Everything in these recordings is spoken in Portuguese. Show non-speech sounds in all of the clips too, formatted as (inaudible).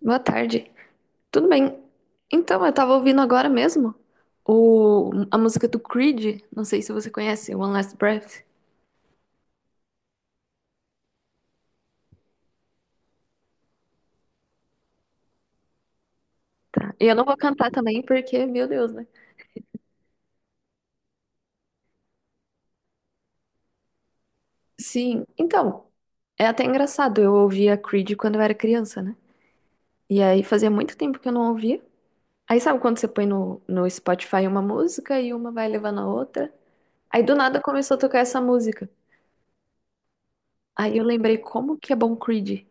Boa tarde. Tudo bem? Então, eu tava ouvindo agora mesmo a música do Creed. Não sei se você conhece, One Last Breath. Tá. E eu não vou cantar também porque, meu Deus, né? Sim, então, é até engraçado. Eu ouvia Creed quando eu era criança, né? E aí fazia muito tempo que eu não ouvia. Aí sabe quando você põe no Spotify uma música e uma vai levando a outra? Aí do nada começou a tocar essa música. Aí eu lembrei como que é bom Creed.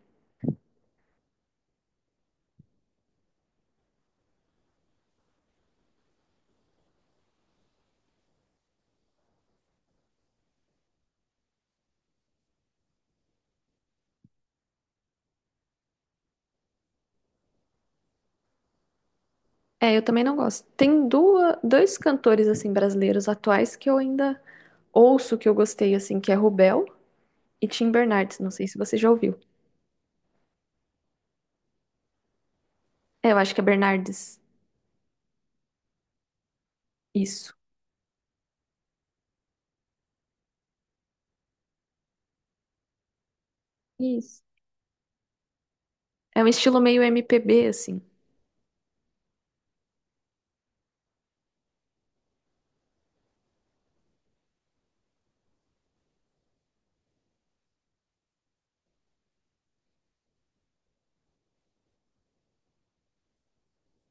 É, eu também não gosto. Tem duas, dois cantores assim brasileiros atuais que eu ainda ouço que eu gostei assim, que é Rubel e Tim Bernardes. Não sei se você já ouviu. É, eu acho que é Bernardes. Isso. Isso. É um estilo meio MPB assim.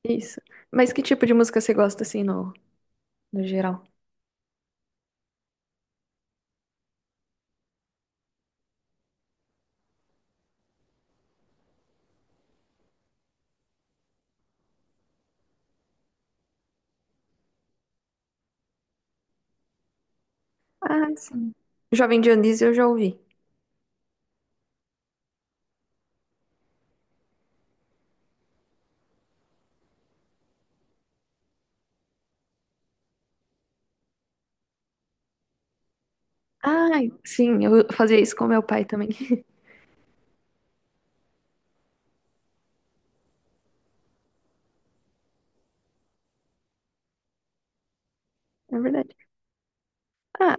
Isso. Mas que tipo de música você gosta assim no geral? Ah, sim. Jovem Dionísio eu já ouvi. Ah, sim, eu fazia isso com meu pai também. (laughs) É verdade. Ah,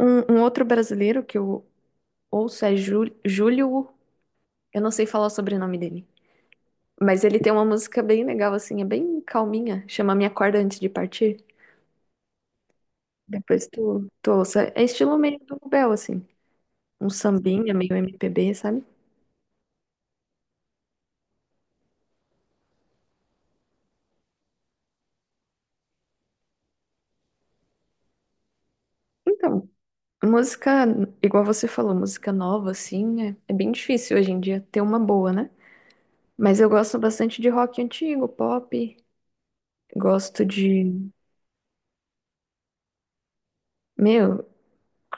um outro brasileiro que eu ouço é Júlio, eu não sei falar o sobrenome dele. Mas ele tem uma música bem legal, assim, é bem calminha. Chama Minha Corda Antes de Partir. Depois tu ouça. É estilo meio do Bel, assim. Um sambinha, meio MPB, sabe? Então, música, igual você falou, música nova, assim, é bem difícil hoje em dia ter uma boa, né? Mas eu gosto bastante de rock antigo, pop. Gosto de, meu,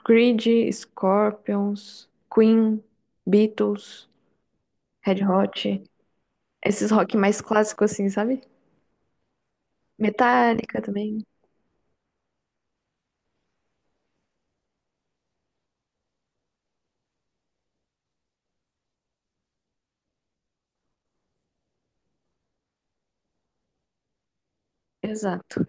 Creed, Scorpions, Queen, Beatles, Red Hot. Esses rock mais clássicos, assim, sabe? Metallica também. Exato.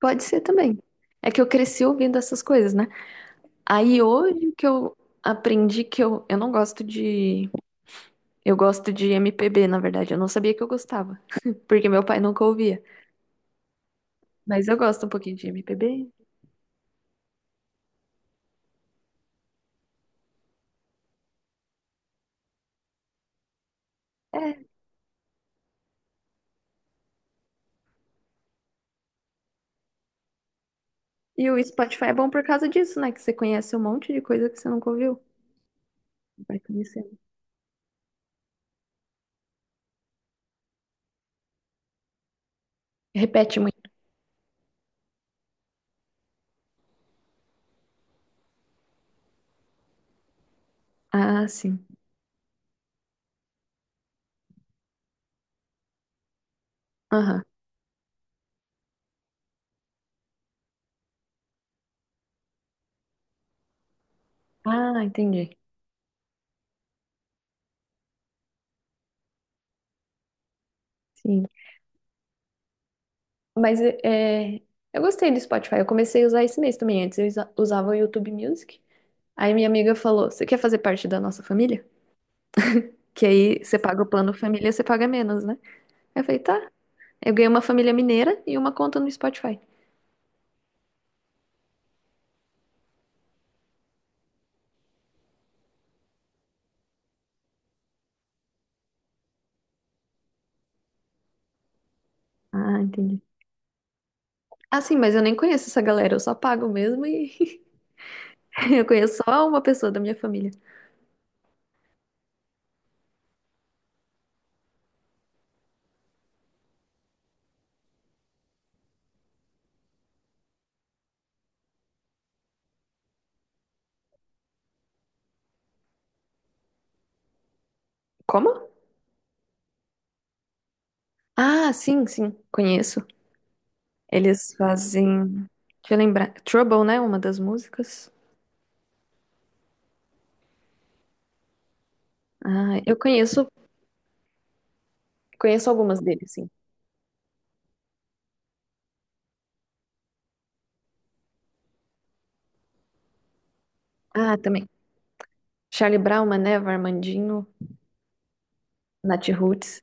Pode ser também. É que eu cresci ouvindo essas coisas, né? Aí hoje que eu aprendi que eu não gosto de. Eu gosto de MPB, na verdade. Eu não sabia que eu gostava, (laughs) porque meu pai nunca ouvia. Mas eu gosto um pouquinho de MPB. É. E o Spotify é bom por causa disso, né? Que você conhece um monte de coisa que você nunca ouviu. Vai conhecendo. Repete muito. Ah, sim. Aham. Ah, entendi. Sim. Mas é, eu gostei do Spotify. Eu comecei a usar esse mês também. Antes eu usava o YouTube Music. Aí minha amiga falou: Você quer fazer parte da nossa família? Que aí você paga o plano família, você paga menos, né? Aí eu falei: Tá. Eu ganhei uma família mineira e uma conta no Spotify. Ah, entendi. Ah, sim, mas eu nem conheço essa galera, eu só pago mesmo e (laughs) eu conheço só uma pessoa da minha família. Como? Ah, sim, sim, conheço. Eles fazem. Deixa eu lembrar. Trouble, né? Uma das músicas. Ah, eu conheço algumas deles, sim. Ah, também. Charlie Brown, Mané, Armandinho, Nath Roots.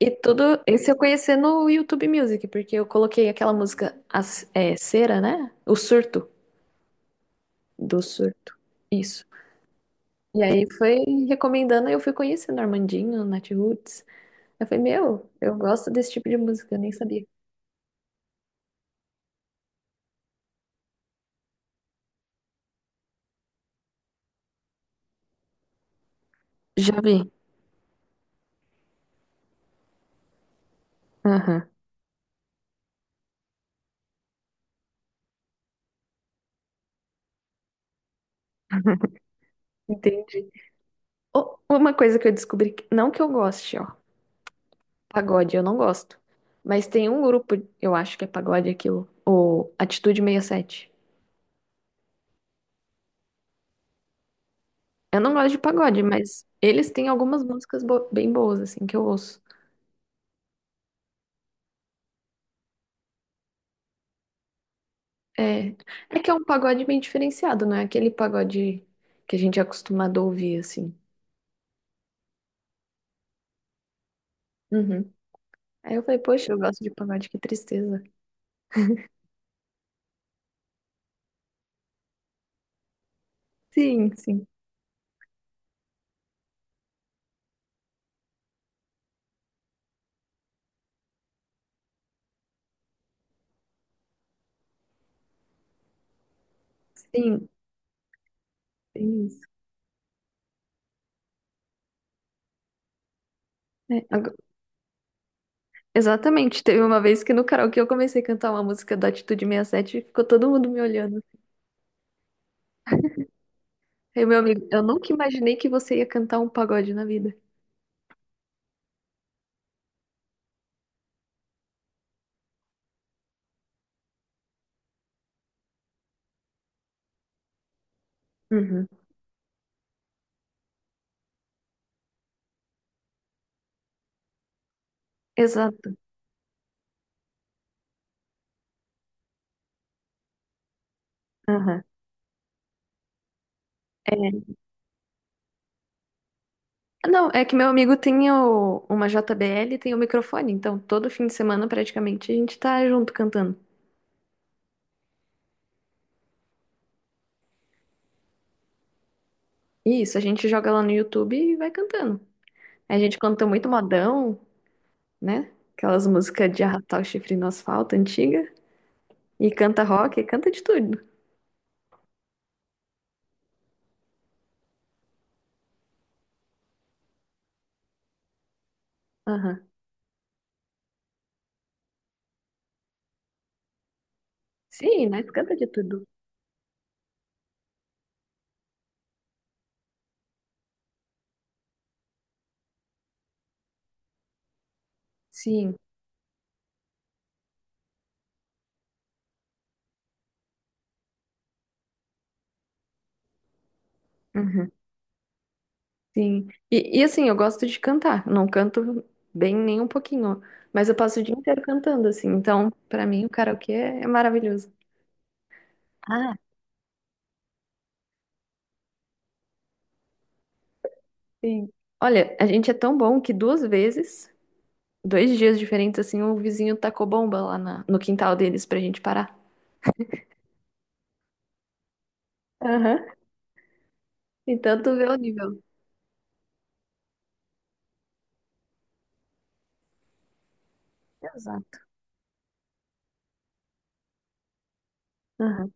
E tudo, esse eu conheci no YouTube Music, porque eu coloquei aquela música é, Cera, né? O Surto, do Surto. Isso. E aí foi recomendando, eu fui conhecendo Armandinho, Natiruts. Eu falei, meu, eu gosto desse tipo de música, eu nem sabia. Já vi. Aham. Entendi. Ô, uma coisa que eu descobri, não que eu goste, ó, pagode, eu não gosto. Mas tem um grupo, eu acho que é pagode aquilo, o Atitude 67. Eu não gosto de pagode, mas eles têm algumas músicas bem boas, assim, que eu ouço. É, é que é um pagode bem diferenciado, não é aquele pagode que a gente é acostumado a ouvir, assim. Uhum. Aí eu falei, poxa, eu gosto de pagode, que tristeza. Sim, sim, sim, tem isso. É, exatamente, teve uma vez que no karaokê eu comecei a cantar uma música da Atitude 67 e sete e ficou todo mundo me olhando. Aí, meu amigo, eu nunca imaginei que você ia cantar um pagode na vida. Uhum. Exato. Não, é que meu amigo tem uma JBL e tem o microfone, então todo fim de semana praticamente a gente tá junto cantando. Isso, a gente joga lá no YouTube e vai cantando. A gente canta muito modão, né? Aquelas músicas de arrastar o chifre no asfalto antiga. E canta rock, e canta de tudo. Aham. Sim, nós canta de tudo. Sim. Uhum. Sim. E assim, eu gosto de cantar. Eu não canto bem nem um pouquinho, mas eu passo o dia inteiro cantando, assim. Então, pra mim, o karaokê é maravilhoso. Sim. Olha, a gente é tão bom que duas vezes, dois dias diferentes, assim, o vizinho tacou bomba lá no quintal deles pra gente parar. Aham. Então tu vê o nível. Exato. Aham.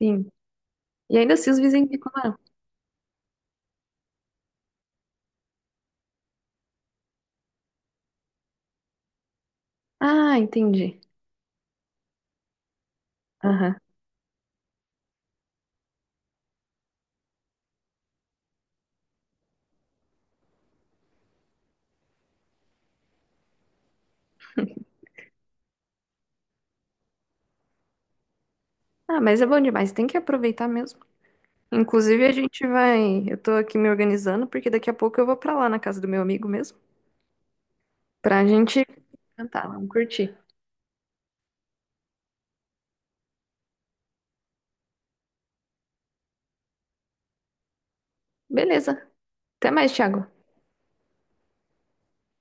Sim. E ainda assim os vizinhos reclamaram. Ah, entendi. Aham. Ah, mas é bom demais, tem que aproveitar mesmo. Inclusive a gente vai, eu tô aqui me organizando porque daqui a pouco eu vou pra lá na casa do meu amigo mesmo, pra gente cantar, vamos curtir. Beleza. Até mais, Thiago.